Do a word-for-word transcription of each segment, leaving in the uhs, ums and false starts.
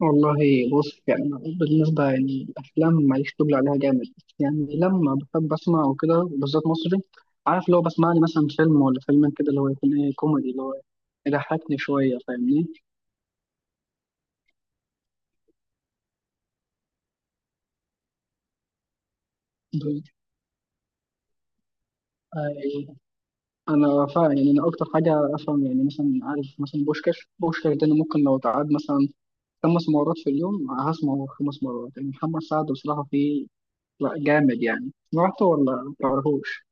والله بص، يعني أنا بالنسبة يعني الأفلام ماليش طول عليها جامد. يعني لما بحب أسمع وكده بالذات مصري، عارف اللي هو بسمع لي مثلا فيلم ولا فيلمين كده، اللي هو يكون إيه، كوميدي اللي هو يضحكني شوية، فاهمني؟ ب- آه، أنا فاهم. يعني أنا أكتر حاجة أفهم، يعني مثلا عارف مثلا بوشكاش، بوشكاش ده أنا ممكن لو اتعاد مثلا خمس مرات في اليوم هسمعه خمس مرات. يعني محمد سعد بصراحة فيه، لا، جامد. يعني سمعته ولا متعرفوش؟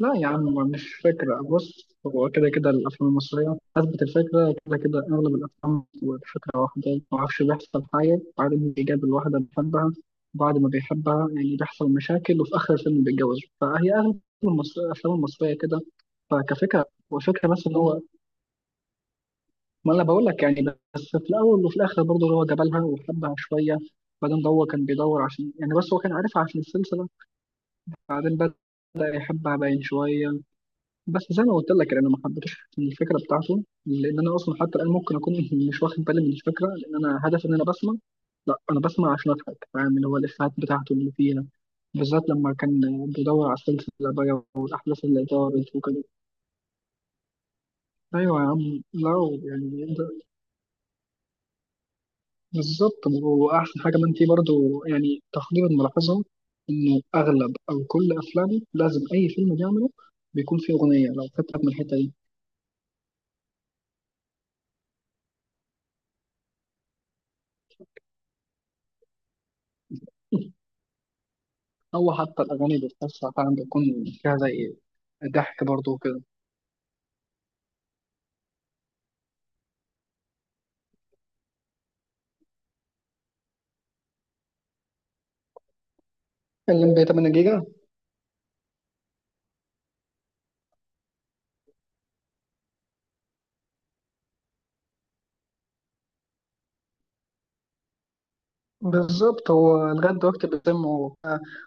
لا يا عم، مش فكرة، بص، هو كده كده الأفلام المصرية أثبت الفكرة، كده كده أغلب الأفلام والفكرة واحدة، معرفش، بيحصل حاجة بعدين بيجاب الواحدة، بيحبها، بعد ما بيحبها يعني بيحصل مشاكل، وفي آخر الفيلم بيتجوز. فهي أغلب المصر- الأفلام المصرية كده فكفكرة وفكرة بس إن هو، ما أنا بقول لك يعني، بس في الأول وفي الآخر برضه هو جابلها وحبها شوية. بعدين ده هو كان بيدور عشان يعني، بس هو كان عارفها عشان السلسلة، بعدين بدأ يحبها باين شوية. بس زي ما قلت لك يعني انا ما حبيتش الفكره بتاعته، لان انا اصلا حتى الان ممكن اكون مش واخد بالي من الفكره، لان انا هدفي ان انا بسمع، لا، انا بسمع عشان اضحك، فاهم؟ اللي هو الافيهات بتاعته اللي فيها، بالذات لما كان بيدور على السلسله بقى والاحداث اللي دارت وكده. ايوه يا عم، لا يعني ده- بالظبط. واحسن حاجه ما انت برضو يعني تقدير ملاحظه انه اغلب او كل افلامه، لازم اي فيلم بيعمله بيكون فيه اغنيه، لو خدت بالك من الحته دي. هو حتى الأغاني اللي بتتوسع فعلا بيكون فيها زي ضحك برضه وكده. الليمبي تمانية جيجا، بالظبط. هو لغاية دلوقتي بيتم.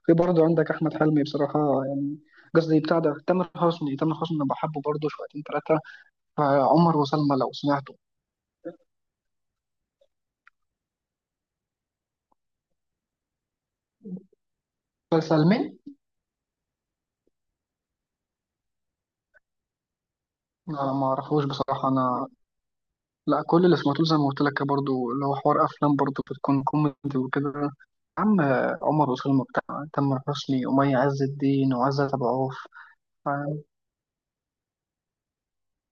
في برضه عندك أحمد حلمي بصراحة، يعني قصدي بتاع ده، تامر حسني. تامر حسني أنا بحبه برضه شويتين تلاتة، عمر وسلمى لو سمعته. مسلسل مين؟ أنا ما أعرفوش بصراحة. أنا لا، كل اللي سمعته زي ما قلت لك برضه، اللي هو حوار أفلام برضه بتكون كوميدي وكده يا عم. عمر وسلمى بتاع تامر حسني ومي عز الدين وعزت أبو عوف.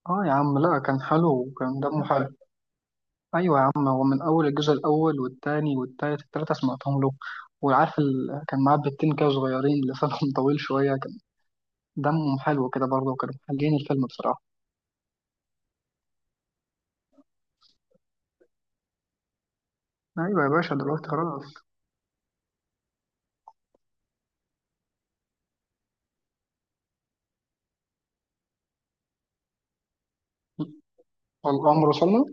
اه يا عم، لا، كان حلو وكان دمه حلو. ايوه يا عم، هو من اول الجزء الاول والتاني والتالت، التلاته سمعتهم له. وعارف ال... كان معاه بنتين كده صغيرين، لسانهم طويل شويه، كان دمهم حلو كده برضه، وكانوا محلين الفيلم بصراحه. ايوه يا باشا، دلوقتي خلاص. والامر وصلنا،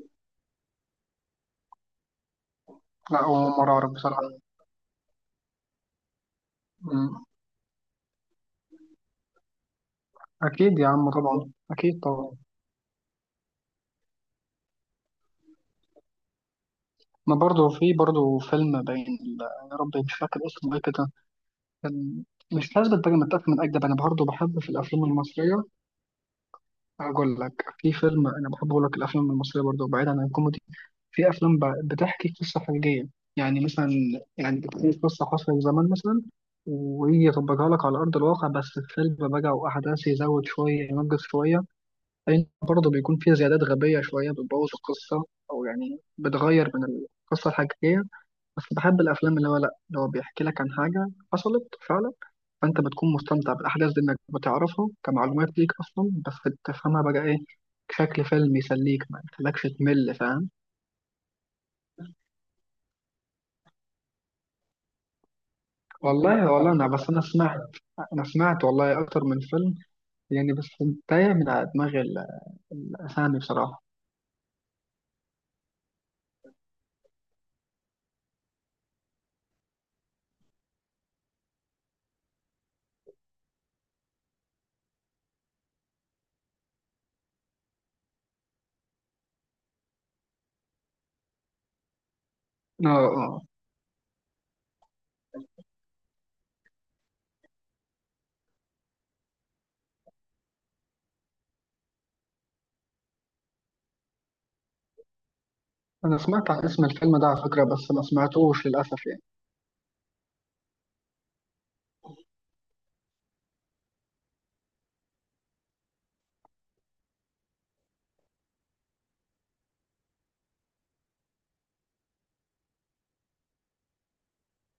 لا هو مرة اعرف بصراحه. أمم، اكيد يا عم طبعا، اكيد طبعا. ما برضه في برضه فيلم باين ال- يا ربي مش فاكر اسمه ايه كده، كان، مش لازم تبقى متأكد من أجدب. أنا برضه بحب في الأفلام المصرية، هقول لك في فيلم انا بحب. اقول لك الافلام المصريه برضه، بعيدا عن الكوميدي، في افلام ب- بتحكي قصه حقيقيه، يعني مثلا، يعني بتكون قصه حصلت زمان مثلا، ويجي يطبقها لك على ارض الواقع. بس الفيلم بقى واحداث يزود شويه، ينقص شويه، لان برضه بيكون فيها زيادات غبيه شويه بتبوظ القصه، او يعني بتغير من القصه الحقيقيه. بس بحب الافلام اللي هو، لا، اللي هو بيحكي لك عن حاجه حصلت فعلا، فانت بتكون مستمتع بالاحداث دي، انك بتعرفها كمعلومات ليك اصلا، بس تفهمها بقى ايه، بشكل فيلم يسليك، ما يخليكش تمل، فاهم؟ والله، والله انا بس، انا سمعت انا سمعت والله اكتر من فيلم، يعني بس تايه من على دماغي ال- الاسامي بصراحه. اه اه، انا سمعت عن اسم الفيلم ده على فكره، بس ما سمعتوش للاسف يعني.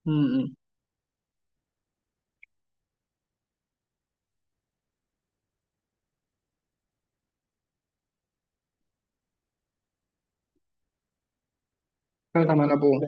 امم. فعلا من ابوه.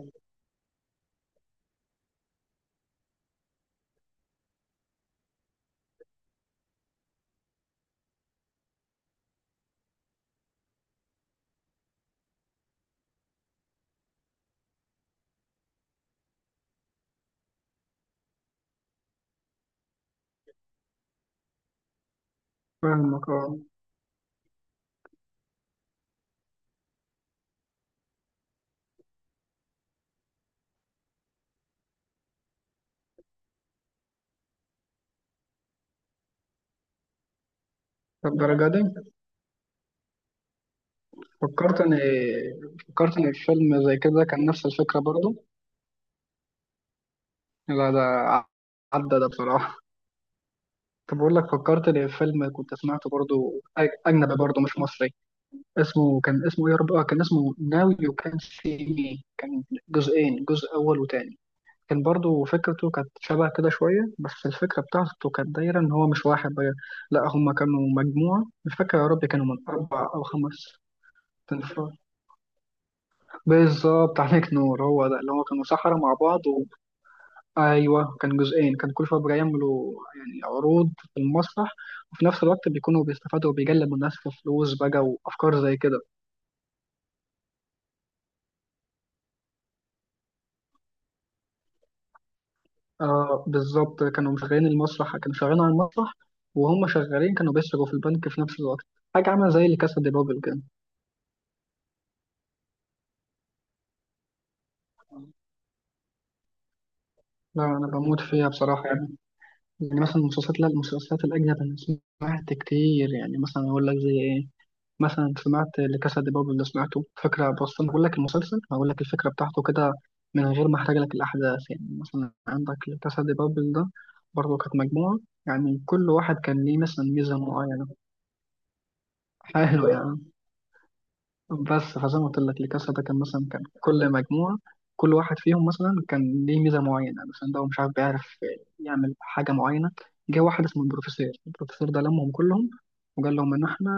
فاهمك، اه. طب درجة، فكرت ان، فكرت ان فيلم زي كده كان نفس الفكره برضو، لا ده عدى ده بصراحه. طب بقول لك، فكرت لي في فيلم كنت سمعته برضو، أج- اجنبي برضو مش مصري، اسمه كان، اسمه ايه يا رب، آه، كان اسمه ناو يو كان سي مي. كان جزئين، جزء اول وتاني. كان برضو فكرته كانت شبه كده شويه، بس الفكره بتاعته كانت دايره ان هو مش واحد بقى، لا، هم كانوا مجموعه، مش فاكر يا رب كانوا من اربع او خمس تنفار. بالظبط، عليك نور. هو ده، اللي هو كانوا سحرة مع بعض. ايوه، كان جزئين، كان كل شويه بيعملوا يعني عروض في المسرح، وفي نفس الوقت بيكونوا بيستفادوا وبيجلبوا الناس في فلوس بقى، وافكار زي كده. آه، بالظبط، كانوا مشغلين المسرح، كانوا شغالين على المسرح، وهم شغالين كانوا بيسرقوا في البنك في نفس الوقت. حاجه عامله زي اللي كاسا دي بابل كده. لا، انا بموت فيها بصراحه، يعني يعني مثلا المسلسلات، لا، المسلسلات الاجنبيه انا سمعت كتير. يعني مثلا اقول لك زي ايه، مثلا سمعت لكاسا دي بابل، اللي سمعته فكرة، بس أنا بقول لك المسلسل، هقول لك الفكرة بتاعته كده من غير ما أحرق لك الأحداث. يعني مثلا عندك لكاسا دي بابل ده، برضه كانت مجموعة، يعني كل واحد كان ليه مثلا ميزة معينة. حلو يعني، بس فزي ما قلت لك الكاسة ده، كان مثلا كان كل مجموعة، كل واحد فيهم مثلا كان ليه ميزة معينة، مثلا ده هو مش عارف، بيعرف يعمل حاجة معينة. جه واحد اسمه البروفيسور، البروفيسور ده لمهم كلهم، وقال لهم إن إحنا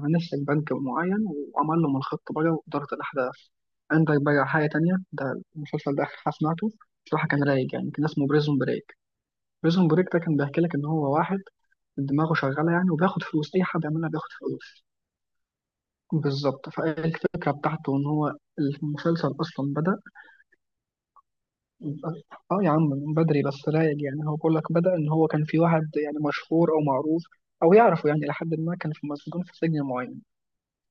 ه- هنسلك بنك معين. وعمل لهم الخطة بقى وإدارة الأحداث. عندك بقى حاجة تانية، ده المسلسل ده آخر حاجة سمعته بصراحة، كان رايق يعني، كان اسمه بريزون بريك. بريزون بريك ده كان بيحكي لك إن هو واحد دماغه شغالة يعني، وبياخد فلوس، أي حد يعملها بياخد فلوس. بالظبط، فالفكرة بتاعته إن هو، المسلسل أصلا بدأ، آه يا عم، من بدري، بس رايق يعني. هو بيقول لك، بدأ إن هو كان في واحد يعني مشهور أو معروف أو يعرفه يعني، لحد ما كان في مسجون في سجن معين.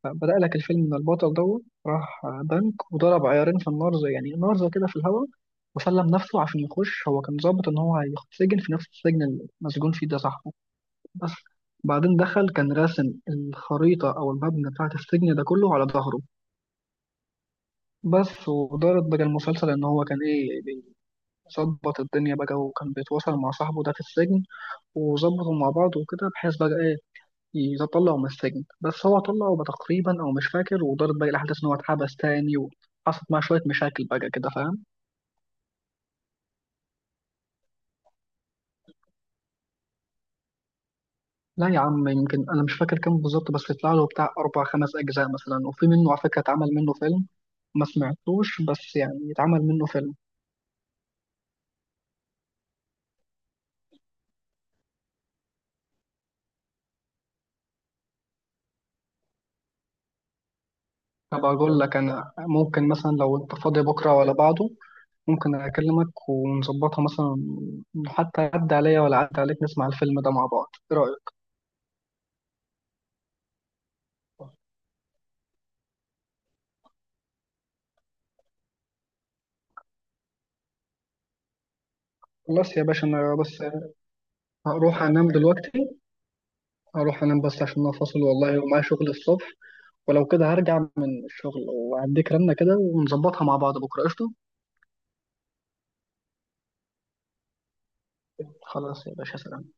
فبدأ لك الفيلم إن البطل دوت راح بنك وضرب عيارين في النار، زي يعني نار زي كده في الهواء، وسلم نفسه عشان يخش. هو كان ظابط إن هو هيتسجن في نفس السجن اللي مسجون فيه ده صاحبه. بس بعدين دخل، كان راسم الخريطة أو المبنى بتاعة السجن ده كله على ظهره. بس ودارت بقى المسلسل ان هو كان ايه، بيظبط الدنيا بقى، وكان بيتواصل مع صاحبه ده في السجن، وظبطوا مع بعض وكده بحيث بقى ايه يطلعوا من السجن. بس هو طلعه بقى تقريبا، او مش فاكر. ودارت بقى الاحداث ان هو اتحبس تاني، وحصلت معاه شويه مشاكل بقى كده، فاهم؟ لا يا عم، يمكن انا مش فاكر كام بالظبط، بس طلع له بتاع اربع خمس اجزاء مثلا، وفي منه على فكره اتعمل منه فيلم، ما سمعتوش، بس يعني اتعمل منه فيلم. طب اقول لك، انا ممكن مثلا لو انت فاضي بكره ولا بعده، ممكن أكلمك ونظبطها مثلا، حتى عدى عليا ولا عدى عليك، نسمع الفيلم ده مع بعض، إيه رأيك؟ خلاص يا باشا، أنا بس هروح أنام دلوقتي، هروح أنام بس عشان أنا فاصل والله ومعايا شغل الصبح. ولو كده هرجع من الشغل وأديك رنة كده ونظبطها مع بعض بكرة، قشطة؟ خلاص يا باشا، سلام.